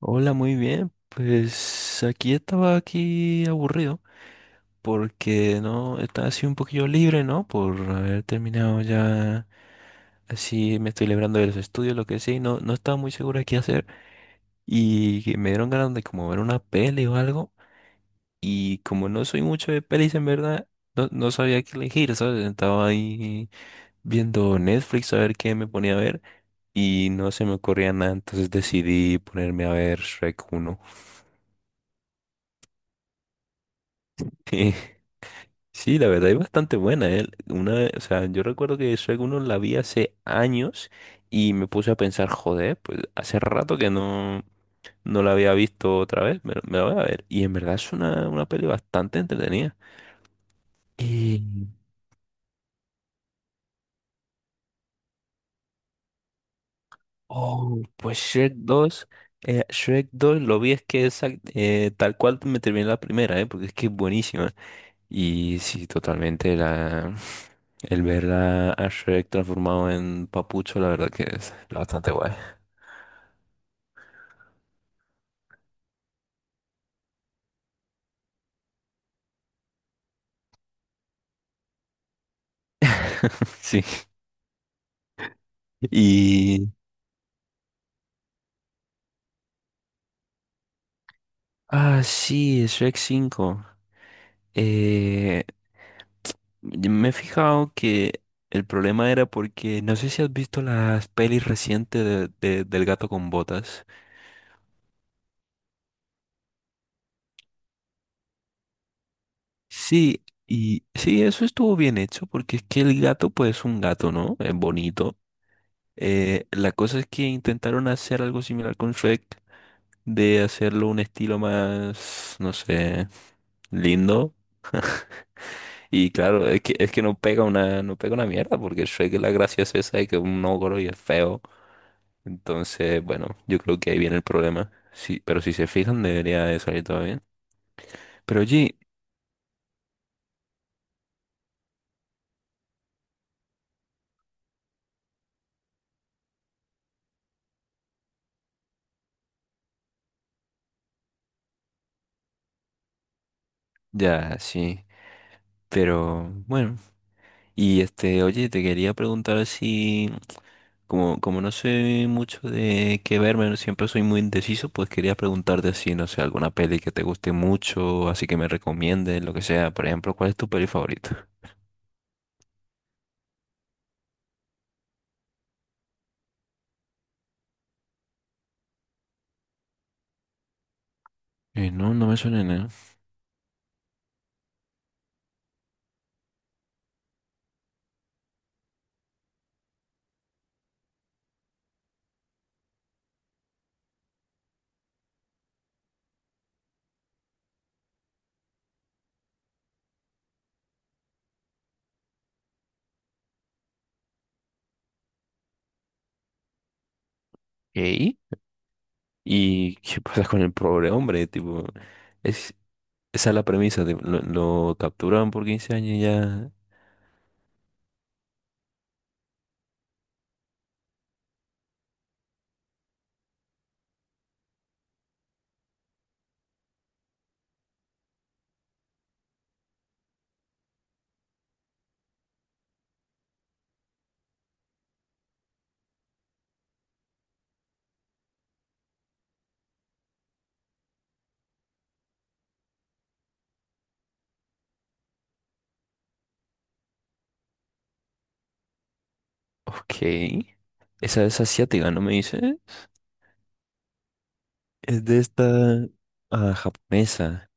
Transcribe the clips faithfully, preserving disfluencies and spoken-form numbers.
Hola, muy bien. Pues aquí estaba aquí aburrido porque no estaba así un poquillo libre, ¿no? Por haber terminado ya, así me estoy librando de los estudios, lo que sea, y no no estaba muy seguro de qué hacer, y que me dieron ganas de, como, ver una peli o algo. Y como no soy mucho de pelis, en verdad, no, no sabía qué elegir, ¿sabes? Estaba ahí viendo Netflix a ver qué me ponía a ver y no se me ocurría nada, entonces decidí ponerme a ver Shrek uno. Sí, la verdad es bastante buena, ¿eh? Una, o sea, yo recuerdo que Shrek uno la vi hace años y me puse a pensar, joder, pues hace rato que no, no la había visto otra vez, me, me la voy a ver. Y en verdad es una, una peli bastante entretenida. Y, oh, pues Shrek dos, eh, Shrek dos lo vi, es que es tal cual me terminé la primera, ¿eh? Porque es que es buenísima. Y sí, totalmente la... El ver a a Shrek transformado en papucho, la verdad que es bastante guay. Sí. Y... Ah, sí, Shrek cinco. Eh, y me he fijado que el problema era porque no sé si has visto las pelis recientes de- de- del gato con botas. Sí, y sí, eso estuvo bien hecho porque es que el gato pues es un gato, ¿no? Es bonito. Eh, la cosa es que intentaron hacer algo similar con Shrek, de hacerlo un estilo más, no sé, lindo. Y claro, es que, es que no pega una, no pega una mierda, porque Shrek la gracia es esa, de que es un ogro y es feo. Entonces, bueno, yo creo que ahí viene el problema. Sí, pero si se fijan, debería de salir todo bien. Pero oye, ya, sí. Pero bueno. Y este, oye, te quería preguntar si, como, como no sé mucho de qué verme, siempre soy muy indeciso, pues quería preguntarte si, no sé, alguna peli que te guste mucho, así, que me recomiendes, lo que sea. Por ejemplo, ¿cuál es tu peli favorita? Eh, no, no me suena nada. ¿Qué? ¿Y qué pasa con el pobre hombre? Tipo, es, esa es la premisa, tipo, lo, lo capturaron por quince años y ya. Ok. Esa es asiática, ¿no me dices? Es de esta, ah, japonesa.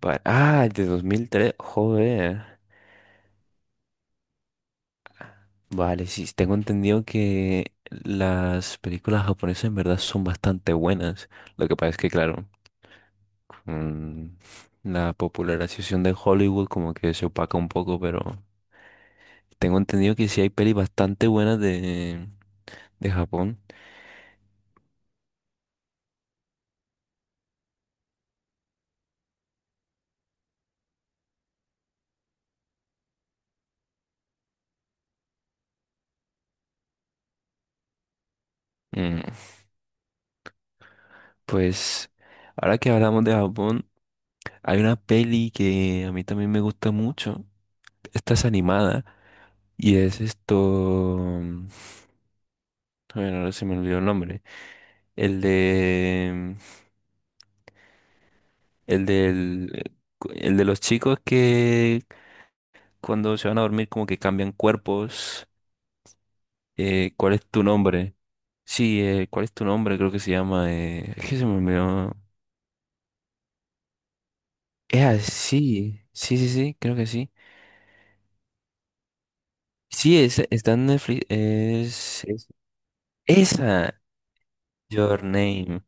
Pa- ah, de dos mil tres. Joder. Vale, sí, tengo entendido que las películas japonesas en verdad son bastante buenas. Lo que pasa es que, claro, mm, la popularización de Hollywood como que se opaca un poco, pero... Tengo entendido que sí hay pelis bastante buenas de, de, Japón. Mm, pues ahora que hablamos de Japón, hay una peli que a mí también me gusta mucho. Esta es animada y es esto... mm, Bueno, ahora se me olvidó el nombre. El de... El del... El de los chicos que cuando se van a dormir como que cambian cuerpos. Eh, ¿cuál es tu nombre? Sí, eh, ¿cuál es tu nombre? Creo que se llama... eh, Es que se me olvidó. Es así. Sí, sí, sí, sí, creo que sí. Sí, es, está en Netflix. Es, es- esa, Your Name.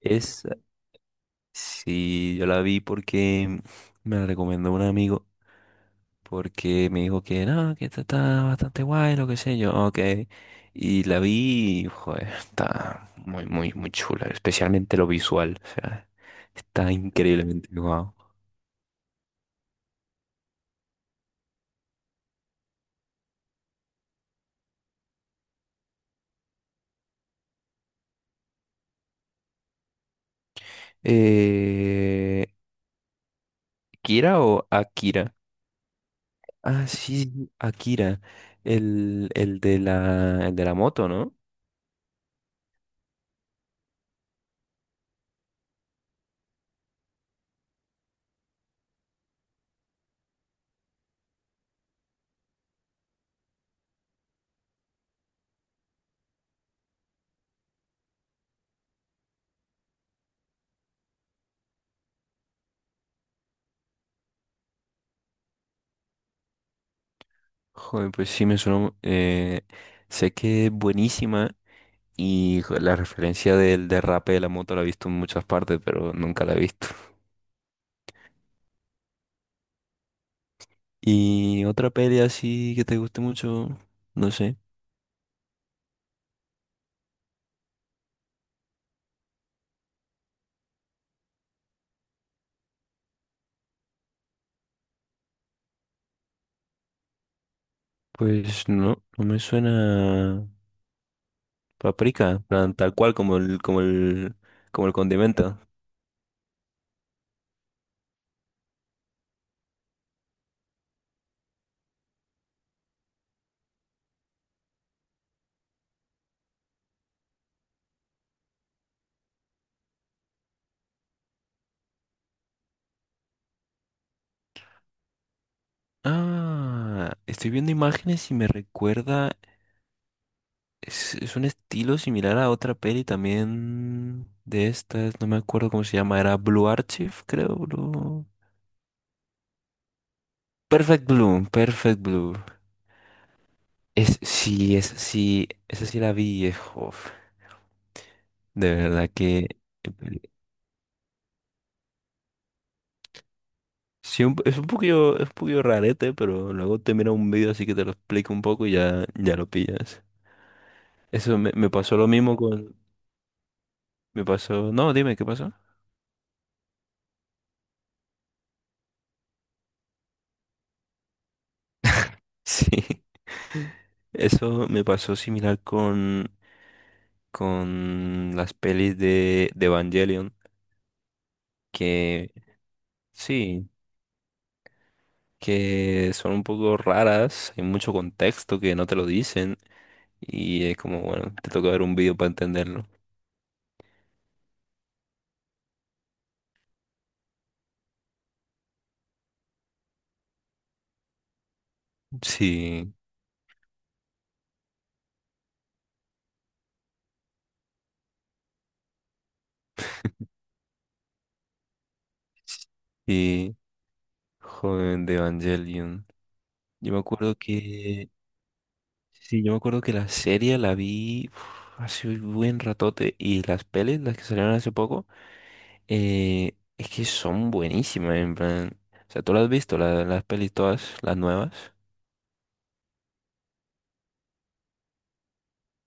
Esa. Sí, yo la vi porque me la recomendó un amigo. Porque me dijo que no, que esta está bastante guay, lo que sé yo. Ok. Y la vi y, joder, está muy, muy, muy chula. Especialmente lo visual. O sea, está increíblemente guau. Eh, ¿Kira o Akira? Ah, sí, sí, Akira, el, el de la, el de la moto, ¿no? Joder, pues sí me suena. Eh, sé que es buenísima y jo- la referencia del derrape de la moto la he visto en muchas partes, pero nunca la he visto. Y otra peli así que te guste mucho, no sé, pues no, no me suena Paprika, en plan, tal cual, como el, como el, como el condimento. Ah, estoy viendo imágenes y me recuerda... Es, es un estilo similar a otra peli también de estas, no me acuerdo cómo se llama, era Blue Archive, creo, Blue. Perfect Blue, Perfect Blue. Es, sí, es, sí, esa sí la vi, eh, jof. De verdad que eh, peli- sí, un- es un poquillo, es un poquillo rarete, pero luego te mira un video así que te lo explico un poco y ya, ya lo pillas. Eso me, me pasó lo mismo con, me pasó, no, dime, ¿qué pasó? Sí, eso me pasó similar con con las pelis de, de Evangelion, que sí, que son un poco raras, hay mucho contexto que no te lo dicen y es como, bueno, te toca ver un video para entenderlo. Sí, sí, joven de Evangelion. Yo me acuerdo que, sí, yo me acuerdo que la serie la vi, uf, hace un buen ratote, y las pelis, las que salieron hace poco. Eh, es que son buenísimas, en plan. O sea, tú las has visto, la- las pelis todas, las nuevas.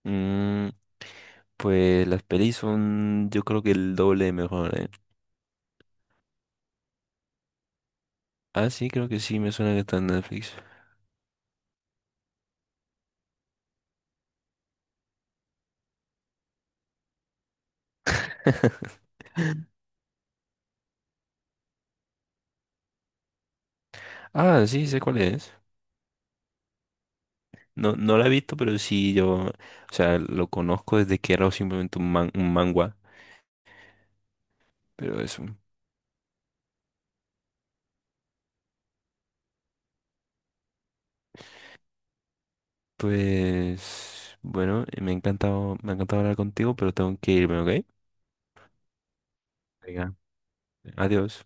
Mm, pues las pelis son, yo creo que, el doble de mejor, ¿eh? Ah, sí, creo que sí, me suena que está en Netflix. Ah, sí, sé cuál es. No, no la he visto, pero sí, yo, o sea, lo conozco desde que era simplemente un man, un manga. Pero eso. Pues, bueno, me ha encantado, me ha encantado hablar contigo, pero tengo que irme, ¿ok? Venga, adiós.